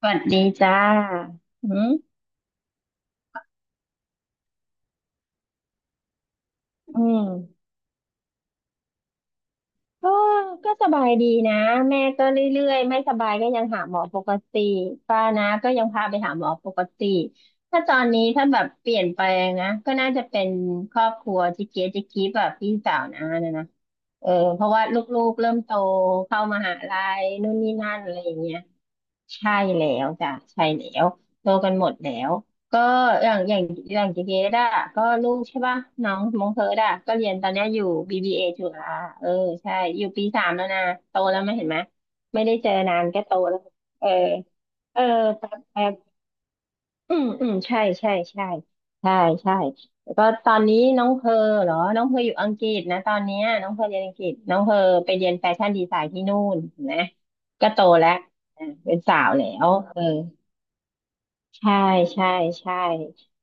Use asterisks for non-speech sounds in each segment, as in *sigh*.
สวัสดีจ้าอืมอืมก็ก็สบายดีนะแม่ก็เรื่อยๆไม่สบายก็ยังหาหมอปกติป้านะก็ยังพาไปหาหมอปกติถ้าตอนนี้ถ้าแบบเปลี่ยนไปลงนะก็น่าจะเป็นครอบครัวจิเกียจิกีแบบพี่สาวนะนะนะเออเพราะว่าลูกๆเริ่มโตเข้ามหาลัยนู่นนี่นั่นอะไรอย่างเงี้ย ใช่แล้วจ้ะใช่แล้วโตกันหมดแล้วก็อย่างอย่างอย่างเจเกดอะก็ลูกใช่ป่ะน้องมงเธอดอะก็เรียนตอนเนี้ยอยู่ BBA จุฬาเออใช่อยู่ปี 3แล้วนะโตแล้วไม่เห็นไหมไม่ได้เจอนานก็โตแล้วเออเออแป๊บ อืมอืมใช่ใช่ใช่ใช่ใช่แล้วก็ตอนนี้น้องเพอเหรอน้องเพออยู่อังกฤษนะตอนเนี้ยน้องเพอเรียนอังกฤษน้องเพอไปเรียนแฟชั่นดีไซน์ที่นู่นเห็นะก็โตแล้วอ่ะเป็นสาวแล้วเออใช่ใช่ใช่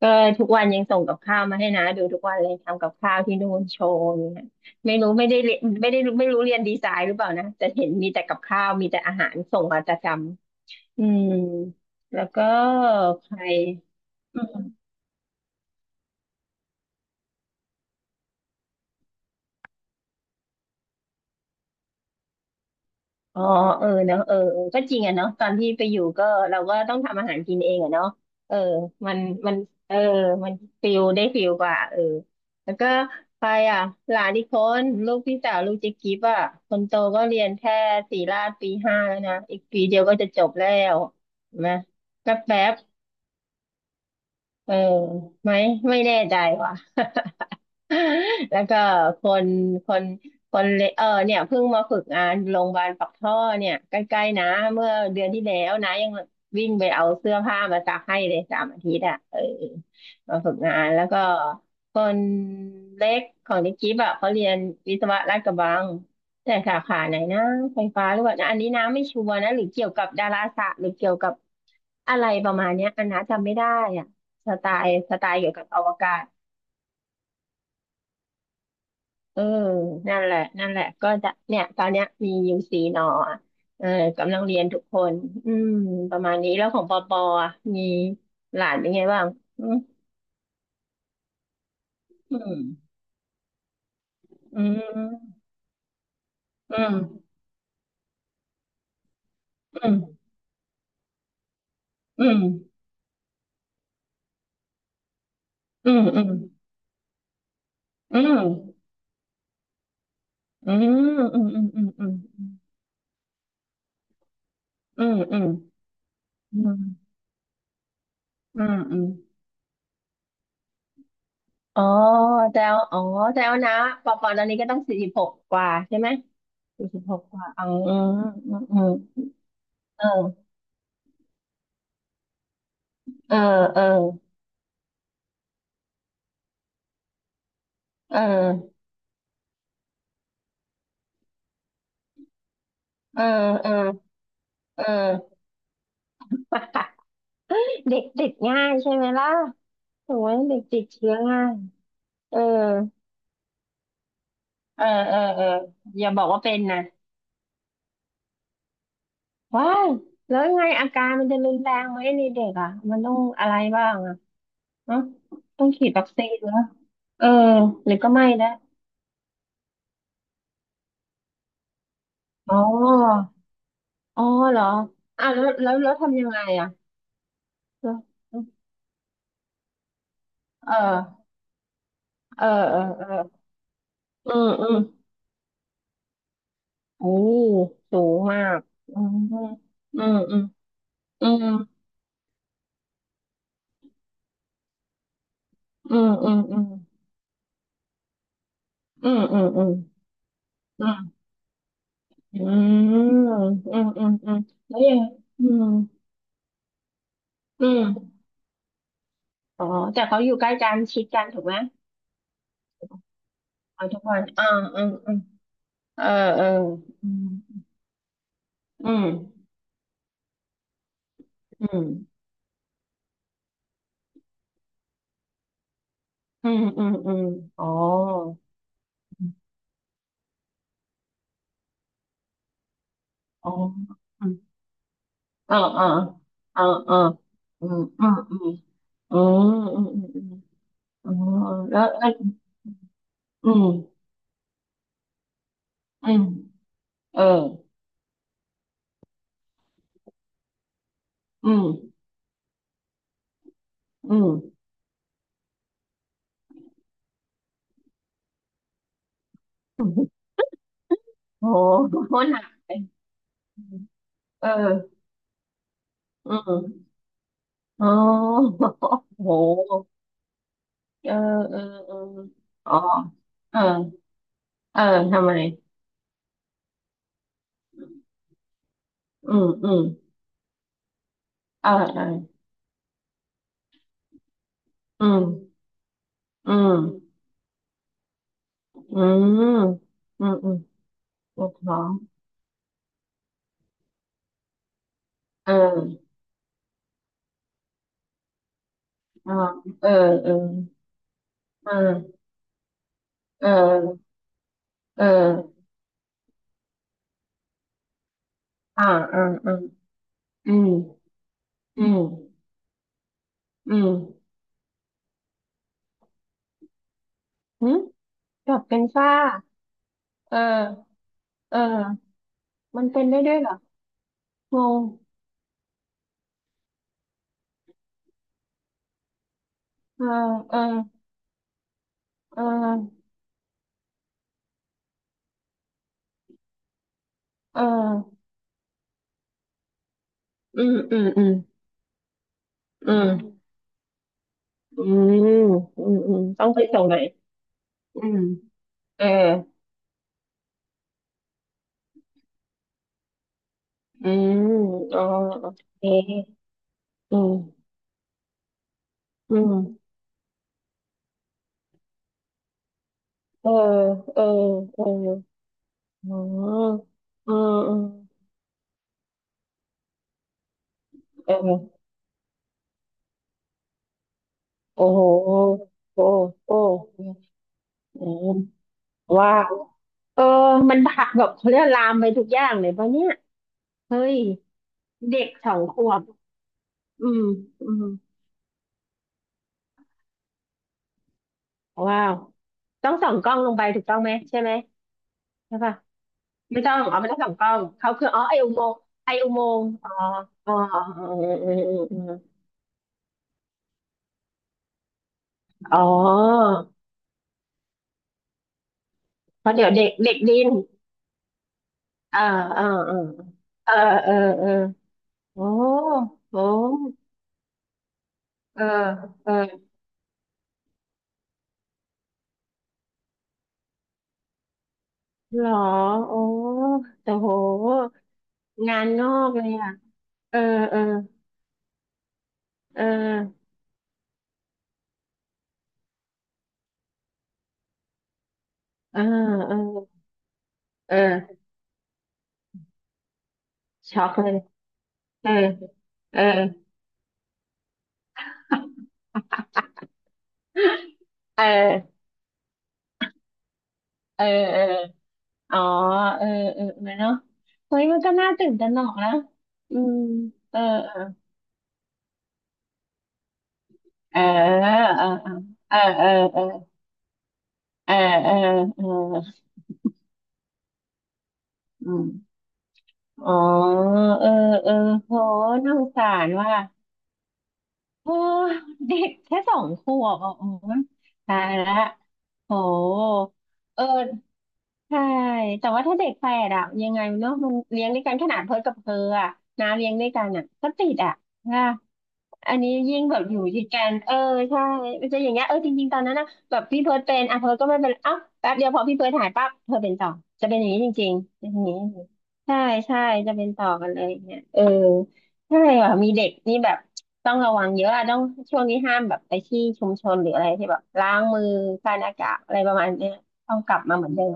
ก็ทุกวันยังส่งกับข้าวมาให้นะดูทุกวันเลยทำกับข้าวที่นู่นโชว์เนี่ยไม่รู้ไม่ได้เรียนไม่ได้รู้ไม่รู้เรียนดีไซน์หรือเปล่านะแต่เห็นมีแต่กับข้าวมีแต่อาหารส่งมาประจำอืมแล้วก็ใคร อ๋อเออเนาะเออเออก็จริงอะเนาะตอนที่ไปอยู่ก็เราก็ต้องทำอาหารกินเองอะเนาะเออมันมันเออมันฟิลได้ฟิลกว่าเออแล้วก็ไปอ่ะหลานอีกคนลูกพี่สาวลูกเจ๊กิฟอ่ะคนโตก็เรียนแค่ศิรราชปี 5แล้วนะอีกปีเดียวก็จะจบแล้วเห็นะแป๊บแป๊บๆเออไม่ไม่แน่ใจว่ะ *laughs* แล้วก็คนคนคนเลเออเนี่ยเพิ่งมาฝึกงานโรงพยาบาลปักท่อเนี่ยใกล้ๆนะเมื่อเดือนที่แล้วนะยังวิ่งไปเอาเสื้อผ้ามาซักให้เลย3 อาทิตย์อ่ะเออมาฝึกงานแล้วก็คนเล็กของนิกกี้แบะเขาเรียนวิศวะลาดกระบังแต่สาขาไหนนะไฟฟ้าหรือว่านอันนี้นะไม่ชัวร์นะหรือเกี่ยวกับดาราศาสตร์หรือเกี่ยวกับอะไรประมาณเนี้ยอันนะจำไม่ได้อ่ะสไตล์เกี่ยวกับอวกาศ เออนั่นแหละนั่นแหละก็จะเนี่ยตอนเนี้ยมียูซีนออ่ะเออกำลังเรียนทุกคนอืมประมาณนี้แล้วของปอปออ่ะมีหลานเป็นไงบ้างอืมอืมอืมอืมอืมอืมอืมอืมอืมอืมอืมอืมอืมอืมอืมอืมอืมอืมอืมอ๋อแจวอ๋อแจวนะปอปอตอนนี้ก็ต้องสี่สิบหกกว่าใช่ไหมสี่สิบหกกว่าอ๋ออืมอืมเออเออเออ เออ เออ เออเออ *laughs* เด็กติดง่ายใช่ไหมล่ะโอ้ยเด็กติดเชื้อง่ายเออเออเออเอออย่าบอกว่าเป็นนะว้ายแล้วยังไงอาการมันจะรุนแรงไหมในเด็กอ่ะมันต้องอะไรบ้างอ่ะเนอะต้องฉีดวัคซีนเหรอเออหรือก็ไม่นะอ๋ออ๋อเหรออ่ะแล้วทำยังไงอ่ะเออเออเออเอออืมอืมโอ้สูงมากอืมอืมอืมอืม อืมอืมอืมอืมอืมอืมอืมอืมอืมอืมอืมอืมแล้วยังอืมอืมอ๋อแต่เขาอยู่ใกล้กันชิดกันถูกไหมเอาทุกวันอ่าอืมอืมเออเอออืมอืมอืมอืมอืมอืมอ๋ออ๋ออืมเออเออเออเอออืมอืมอืมอืมอืมอืมอ๋อแล้วอืมอืมเอออืมอืม โอ้โหหนักเยเอออืมอ๋อโอ้โหเออเออเอออ๋อเออเออทำไมอืมอืมเออเอออืมอืมอืมอืมอืมปวดท้องเออเออเออเออเออเออเอออ่าอ่าอ่าอืมอืมอืมหึกลับเป็นฝ้าเออเออมันเป็นได้ด้วยเหรองง เออเออเออเอออืมอืมอืมอืมอืมอืมอืมต้องคิดตรงไหนอยอืมเอออืมอ๋อโอเคอืมอืมเออเออเอออ๋ออืมอืมเออโอ้โหโอ้โอ้อืมว้าวเออมันผักแบบเขาเรียกลามไปทุกอย่างเลยปะเนี่ยเฮ้ย เด็ก2 ขวบอืมอืม ว้าวต้องส่องกล้องลงไปถูกต้องไหมใช่ไหมใช่ปะไม่ต้องอ๋อไม่ต้องส่องกล้องเขาคืออ๋อไออุโมงค์ไออุโมงค์อ๋ออ๋ออ๋ออืมอืมอืมอ๋อเพราะเดี๋ยวเด็กเด็กดินอ่าอ่าอ่าเออเออเออโอ้โหเออเออหรอโอ้แต่โหงานงอกเลยอ่ะเออเออเออเออเออเออช็อกเลยเออเออเออ เออเอออ๋อเออเออเออเนาะเฮ้ยมันก็น่าตื่นตระหนกนะอืมเออเออเออเออเออเออเออเออเออเอออืมอ๋อเออเออโหน่าสงสารว่า โอ้เด็กแค่สองขวบอ่ะโอ้ยตายละโหเออ ใช่แต่ว่าถ้าเด็กแฝดอะยังไงเนาะมันเลี้ยงด้วยกันขนาดเพิร์ทกับเพออะน้าเลี้ยงด้วยกันอะก็ติดอะค่ะอันนี้ยิ่งแบบอยู่ติดกันเออใช่มันจะอย่างเงี้ยเออจริงๆตอนนั้นนะแบบพี่เพิร์ดเป็นอ่ะเพิร์ดก็ไม่เป็นอ้าวแป๊บเดียวพอพี่เพิร์ดหายปั๊บเธอเป็นต่อจะเป็นอย่างนี้จริงๆเป็นอย่างนี้ใช่ใช่จะเป็นต่อกันเลยเนี่ยเออใช่อ่ะมีเด็กนี่แบบต้องระวังเยอะอะต้องช่วงนี้ห้ามแบบไปที่ชุมชนหรืออะไรที่แบบล้างมือคายหน้ากากอะไรประมาณเนี้ยต้องกลับมาเหมือนเดิม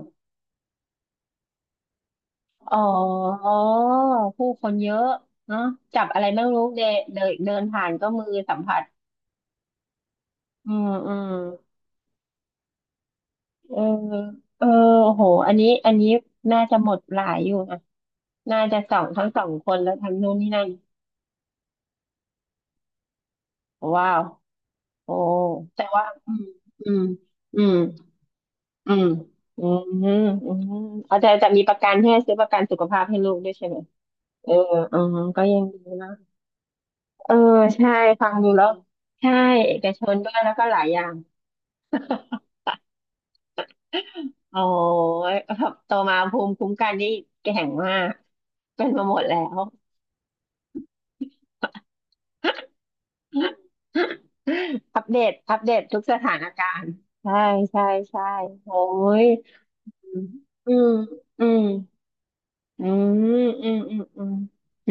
อ๋อผู้คนเยอะเนาะจับอะไรไม่รู้เดนเดินเดินผ่านก็มือสัมผัสอืมอืมเออเออโหอันนี้อันนี้น่าจะหมดหลายอยู่นะ น่าจะสองทั้งสองคนแล้วทั้งนู้นนี่นั่น ว้าวโอ้แต่ว่าอืมอืมอืมอืมอืมอืมอืมเอาแต่มีประกันให้ซื้อประกันสุขภาพให้ลูกด้วยใช่ไหมเอออ๋อก็ยังดีนะ เออใช่ฟังดูแล้วใช่เอกชนด้วยแล้วก็หลายอย่าง *laughs* โอ้ยแบบโตมาภูมิคุ้มกันนี่แข็งมากเป็นมาหมดแล้ว *laughs* อัปเดตทุกสถานการณ์ใช่ใช่ใช่โอ้ยอืมอืมอืมอืมอืมอืม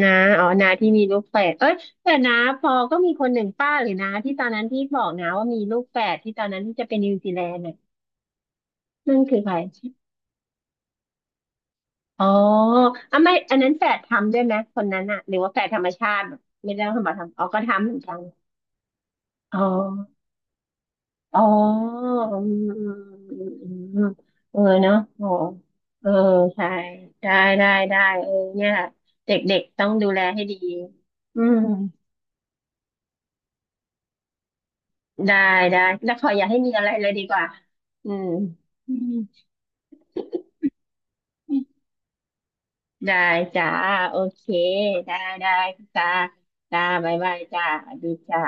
นาอ๋อนาที่มีลูกแฝดเอ้ยแต่นาพอก็มีคนหนึ่งป้าหรือนาที่ตอนนั้นที่บอกนาว่ามีลูกแฝดที่ตอนนั้นที่จะไปนิวซีแลนด์ นั่นคือใครอ๋ออ่ะไม่อันนั้นแฝดทำด้วยไหมคนนั้นอะหรือว่าแฝดธรรมชาติไม่ได้ทำมาทำอ๋อก็ทำเหมือนกันอ๋ออ๋ออืมอืมอืมอืมอืมเออเนาะโอ้เออใช่ได้ได้เออเนี่ยเด็กๆต้องดูแลให้ดีอืมได้ได้แล้วขออย่าให้มีอะไรเลยดีกว่าอืมอืมได้จ้าโอเคได้ได้จ้าจ้าบ๊ายบายจ้าสวัสดีจ้า